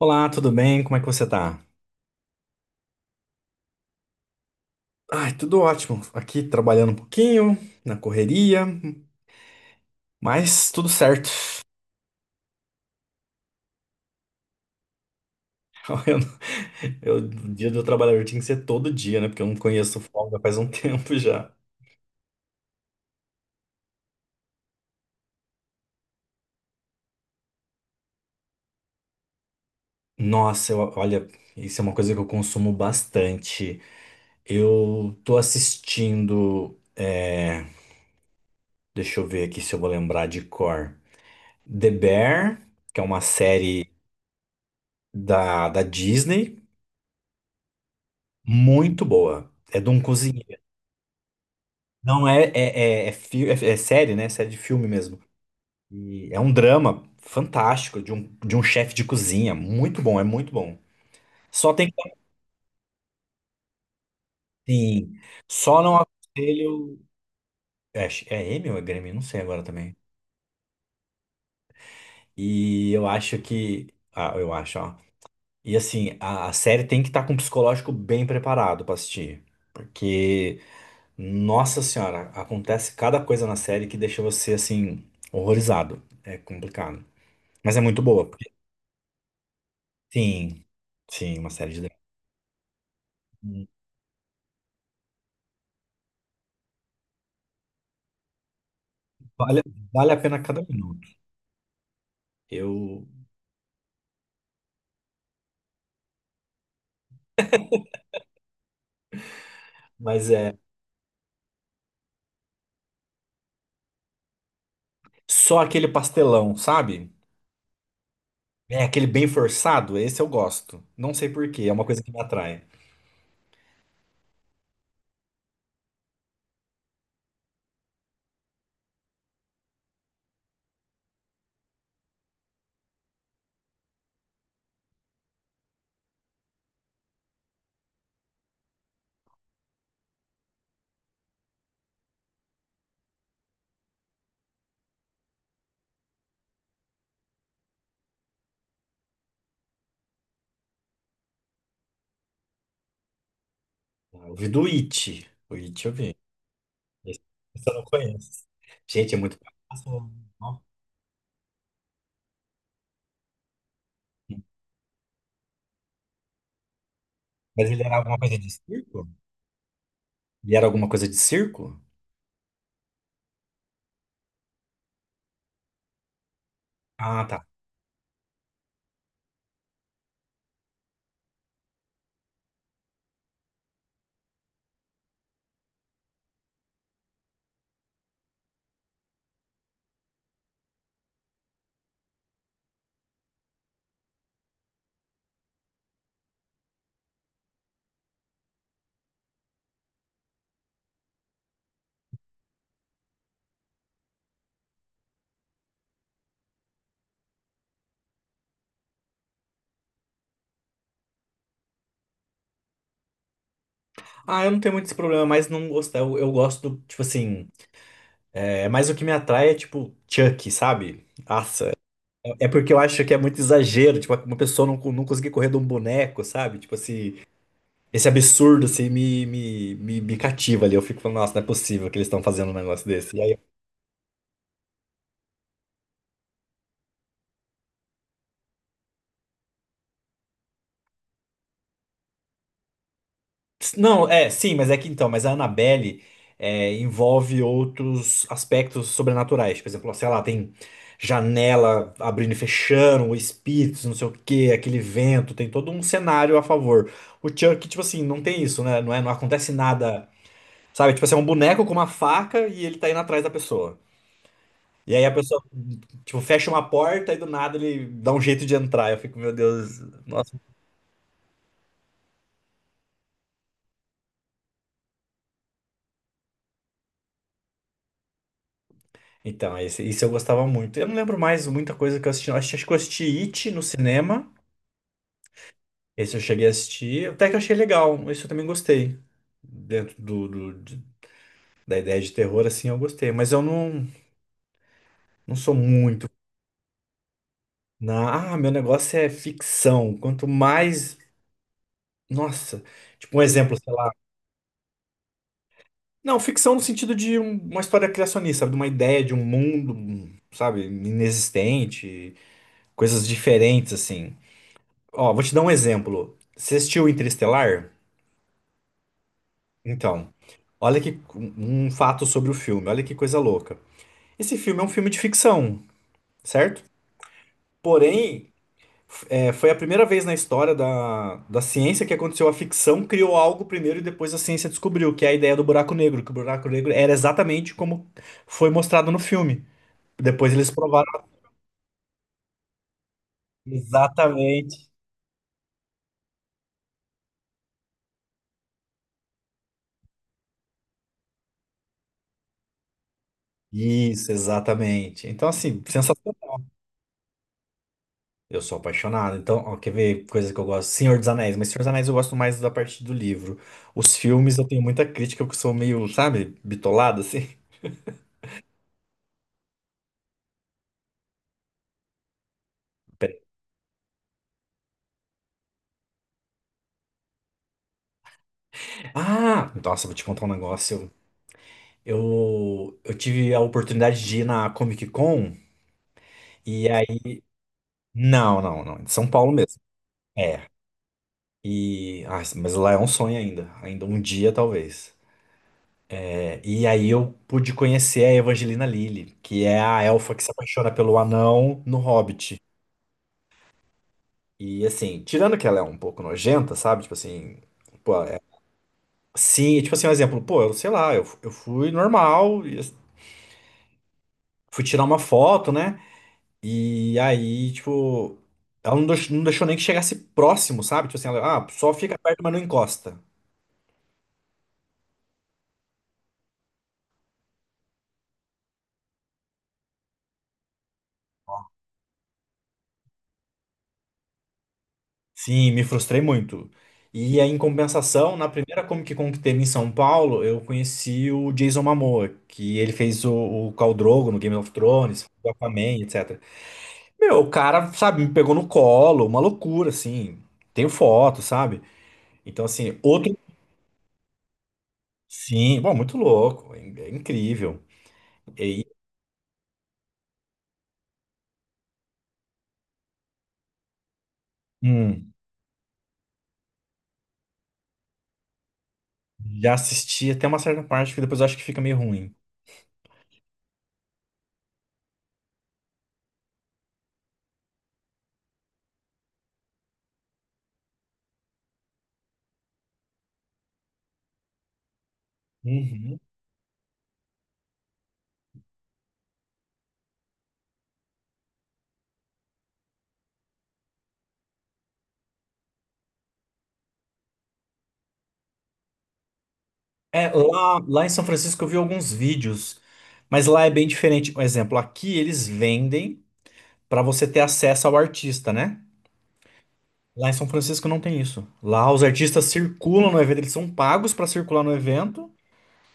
Olá, tudo bem? Como é que você tá? Ai, tudo ótimo. Aqui trabalhando um pouquinho, na correria, mas tudo certo. Eu, não- eu- O dia do trabalhador tinha que ser todo dia, né? Porque eu não conheço folga faz um tempo já. Olha, isso é uma coisa que eu consumo bastante. Eu tô assistindo, deixa eu ver aqui se eu vou lembrar de cor. The Bear, que é uma série da Disney, muito boa. É de um cozinheiro. Não é, é, é, é, fi- é- é série, né? É série de filme mesmo. E é um drama fantástico de um chefe de cozinha. Muito bom, é muito bom. Só tem que. Sim, só não aconselho. É, é Emmy ou é Grêmio? Não sei agora também. E eu acho que. Ah, eu acho, ó. E assim, a série tem que estar com o psicológico bem preparado pra assistir. Porque, nossa senhora, acontece cada coisa na série que deixa você assim, horrorizado. É complicado. Mas é muito boa. Sim, sim, uma série de dramas. Vale, vale a pena cada minuto. Eu, mas é só aquele pastelão, sabe? É aquele bem forçado, esse eu gosto. Não sei por quê, é uma coisa que me atrai. Ah, eu vi do It. O It eu vi. Esse esse eu não conheço. Gente, é muito pastelão. Ó. Mas ele era alguma coisa de circo? Ele era alguma coisa de circo? Ah, tá. Ah, eu não tenho muito esse problema, mas não gosto. Eu gosto, do, tipo assim, é mais o que me atrai é tipo Chucky, sabe? Nossa, é porque eu acho que é muito exagero, tipo, uma pessoa não conseguir correr de um boneco, sabe? Tipo, assim, esse absurdo, assim, me cativa ali. Eu fico falando, nossa, não é possível que eles estão fazendo um negócio desse. E aí, não, é, sim, mas é que então, mas a Annabelle é, envolve outros aspectos sobrenaturais. Por exemplo, sei lá, tem janela abrindo e fechando, espíritos, não sei o quê, aquele vento, tem todo um cenário a favor. O Chuck, tipo assim, não tem isso, né? Não é, não acontece nada. Sabe? Tipo assim, é um boneco com uma faca e ele tá indo atrás da pessoa. E aí a pessoa, tipo, fecha uma porta e do nada ele dá um jeito de entrar. Eu fico, meu Deus, nossa. Então, esse, isso eu gostava muito. Eu não lembro mais muita coisa que eu assisti. Eu acho que eu assisti It no cinema. Esse eu cheguei a assistir. Até que eu achei legal. Esse eu também gostei. Dentro da ideia de terror, assim, eu gostei. Mas eu não, Não sou muito. Na, ah, meu negócio é ficção. Quanto mais. Nossa. Tipo, um exemplo, sei lá. Não, ficção no sentido de uma história criacionista, sabe? De uma ideia de um mundo, um, sabe, inexistente, coisas diferentes, assim. Ó, vou te dar um exemplo. Você assistiu Interestelar? Então, olha que um fato sobre o filme, olha que coisa louca. Esse filme é um filme de ficção, certo? Porém, foi a primeira vez na história da ciência que aconteceu a ficção, criou algo primeiro e depois a ciência descobriu, que é a ideia do buraco negro, que o buraco negro era exatamente como foi mostrado no filme. Depois eles provaram exatamente. Isso, exatamente. Então, assim, sensacional. Eu sou apaixonado. Então, ó, quer ver coisa que eu gosto? Senhor dos Anéis, mas Senhor dos Anéis eu gosto mais da parte do livro. Os filmes eu tenho muita crítica, porque eu sou meio, sabe, bitolado, assim. Pera- Ah, nossa, vou te contar um negócio. Eu tive a oportunidade de ir na Comic Con, e aí. Não, não, não. Em São Paulo mesmo. É. E. Ah, mas lá é um sonho ainda. Ainda um dia, talvez. E aí eu pude conhecer a Evangelina Lilly, que é a elfa que se apaixona pelo anão no Hobbit. E assim, tirando que ela é um pouco nojenta, sabe? Tipo assim, pô, é- sim, tipo assim, um exemplo, pô, eu sei lá, eu fui normal, e fui tirar uma foto, né? E aí, tipo, ela não deixou, não deixou nem que chegasse próximo, sabe? Tipo assim, ela, ah, só fica perto, mas não encosta. Sim, me frustrei muito. E aí, em compensação, na primeira Comic Con que teve em São Paulo, eu conheci o Jason Momoa, que ele fez o Khal Drogo no Game of Thrones, o Aquaman, etc. Meu, o cara, sabe, me pegou no colo, uma loucura, assim. Tenho foto, sabe? Então, assim, outro. Sim, bom, muito louco, é é incrível. E, hum, já assisti até uma certa parte que depois eu acho que fica meio ruim. Uhum. É, lá em São Francisco eu vi alguns vídeos, mas lá é bem diferente. Um exemplo, aqui eles vendem para você ter acesso ao artista, né? Lá em São Francisco não tem isso. Lá os artistas circulam no evento, eles são pagos para circular no evento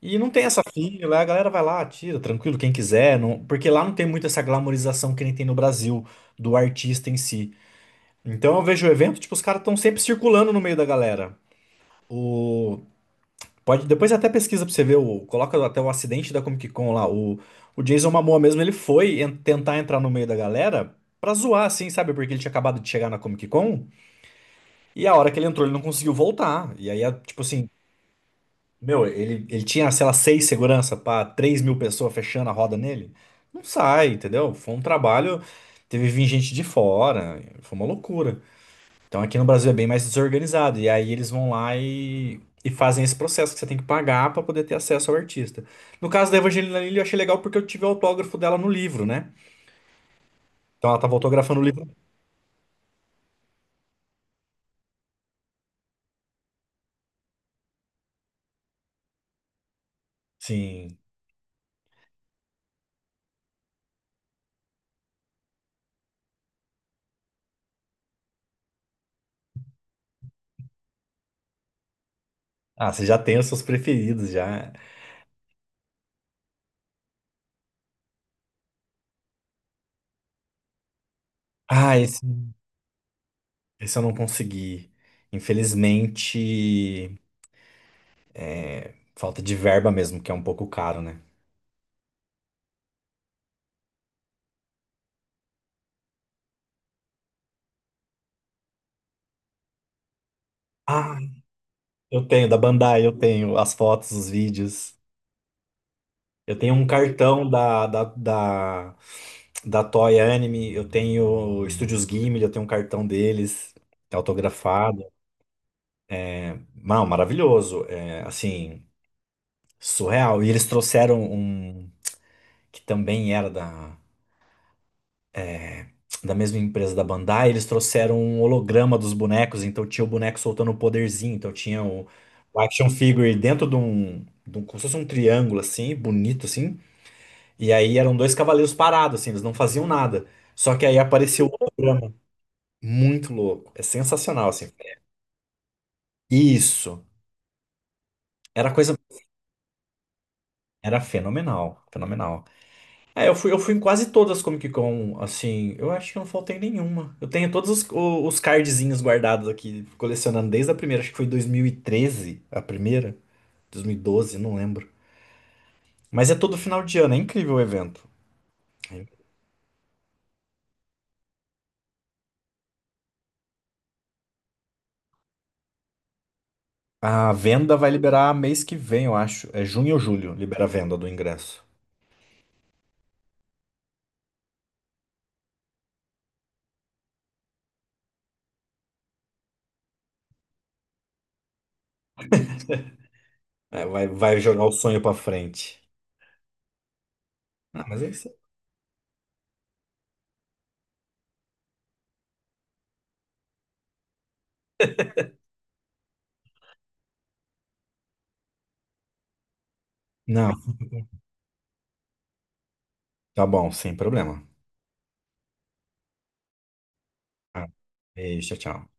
e não tem essa fila. Lá a galera vai lá, tira, tranquilo, quem quiser, porque lá não tem muito essa glamorização que nem tem no Brasil do artista em si. Então eu vejo o evento, tipo, os caras estão sempre circulando no meio da galera. O pode, depois até pesquisa pra você ver, o, coloca até o acidente da Comic Con lá. O Jason Momoa mesmo, ele foi tentar entrar no meio da galera pra zoar, assim, sabe? Porque ele tinha acabado de chegar na Comic Con e a hora que ele entrou ele não conseguiu voltar. E aí, é, tipo assim, meu, ele tinha, sei lá, seis segurança pra 3.000 pessoas fechando a roda nele. Não sai, entendeu? Foi um trabalho, teve vir gente de fora, foi uma loucura. Então aqui no Brasil é bem mais desorganizado. E aí eles vão lá e fazem esse processo que você tem que pagar para poder ter acesso ao artista. No caso da Evangelina Lilly, eu achei legal porque eu tive o autógrafo dela no livro, né? Então ela tava autografando o livro. Sim. Ah, você já tem os seus preferidos já. Ah, esse eu não consegui. Infelizmente, falta de verba mesmo, que é um pouco caro, né? Ah, eu tenho, da Bandai, eu tenho as fotos, os vídeos. Eu tenho um cartão da Toy Anime, eu tenho Estúdios Ghibli, eu tenho um cartão deles, autografado. Não, maravilhoso, é, assim, surreal. E eles trouxeram um, que também era da, da mesma empresa da Bandai, eles trouxeram um holograma dos bonecos, então tinha o boneco soltando o poderzinho, então tinha o action figure dentro de um, como se fosse um triângulo, assim, bonito, assim. E aí eram dois cavaleiros parados, assim, eles não faziam nada. Só que aí apareceu o holograma. Muito louco. É sensacional, assim. Isso. Era coisa. Era fenomenal. Fenomenal. É, eu fui em quase todas as Comic Con, assim. Eu acho que eu não faltei nenhuma. Eu tenho todos os cardzinhos guardados aqui, colecionando desde a primeira. Acho que foi 2013, a primeira. 2012, não lembro. Mas é todo final de ano, é incrível o evento. A venda vai liberar mês que vem, eu acho. É junho ou julho, libera a venda do ingresso. É, vai, vai jogar o sonho pra frente. Ah, mas é isso. Não, tá bom, sem problema. Ah, beijo, tchau, tchau.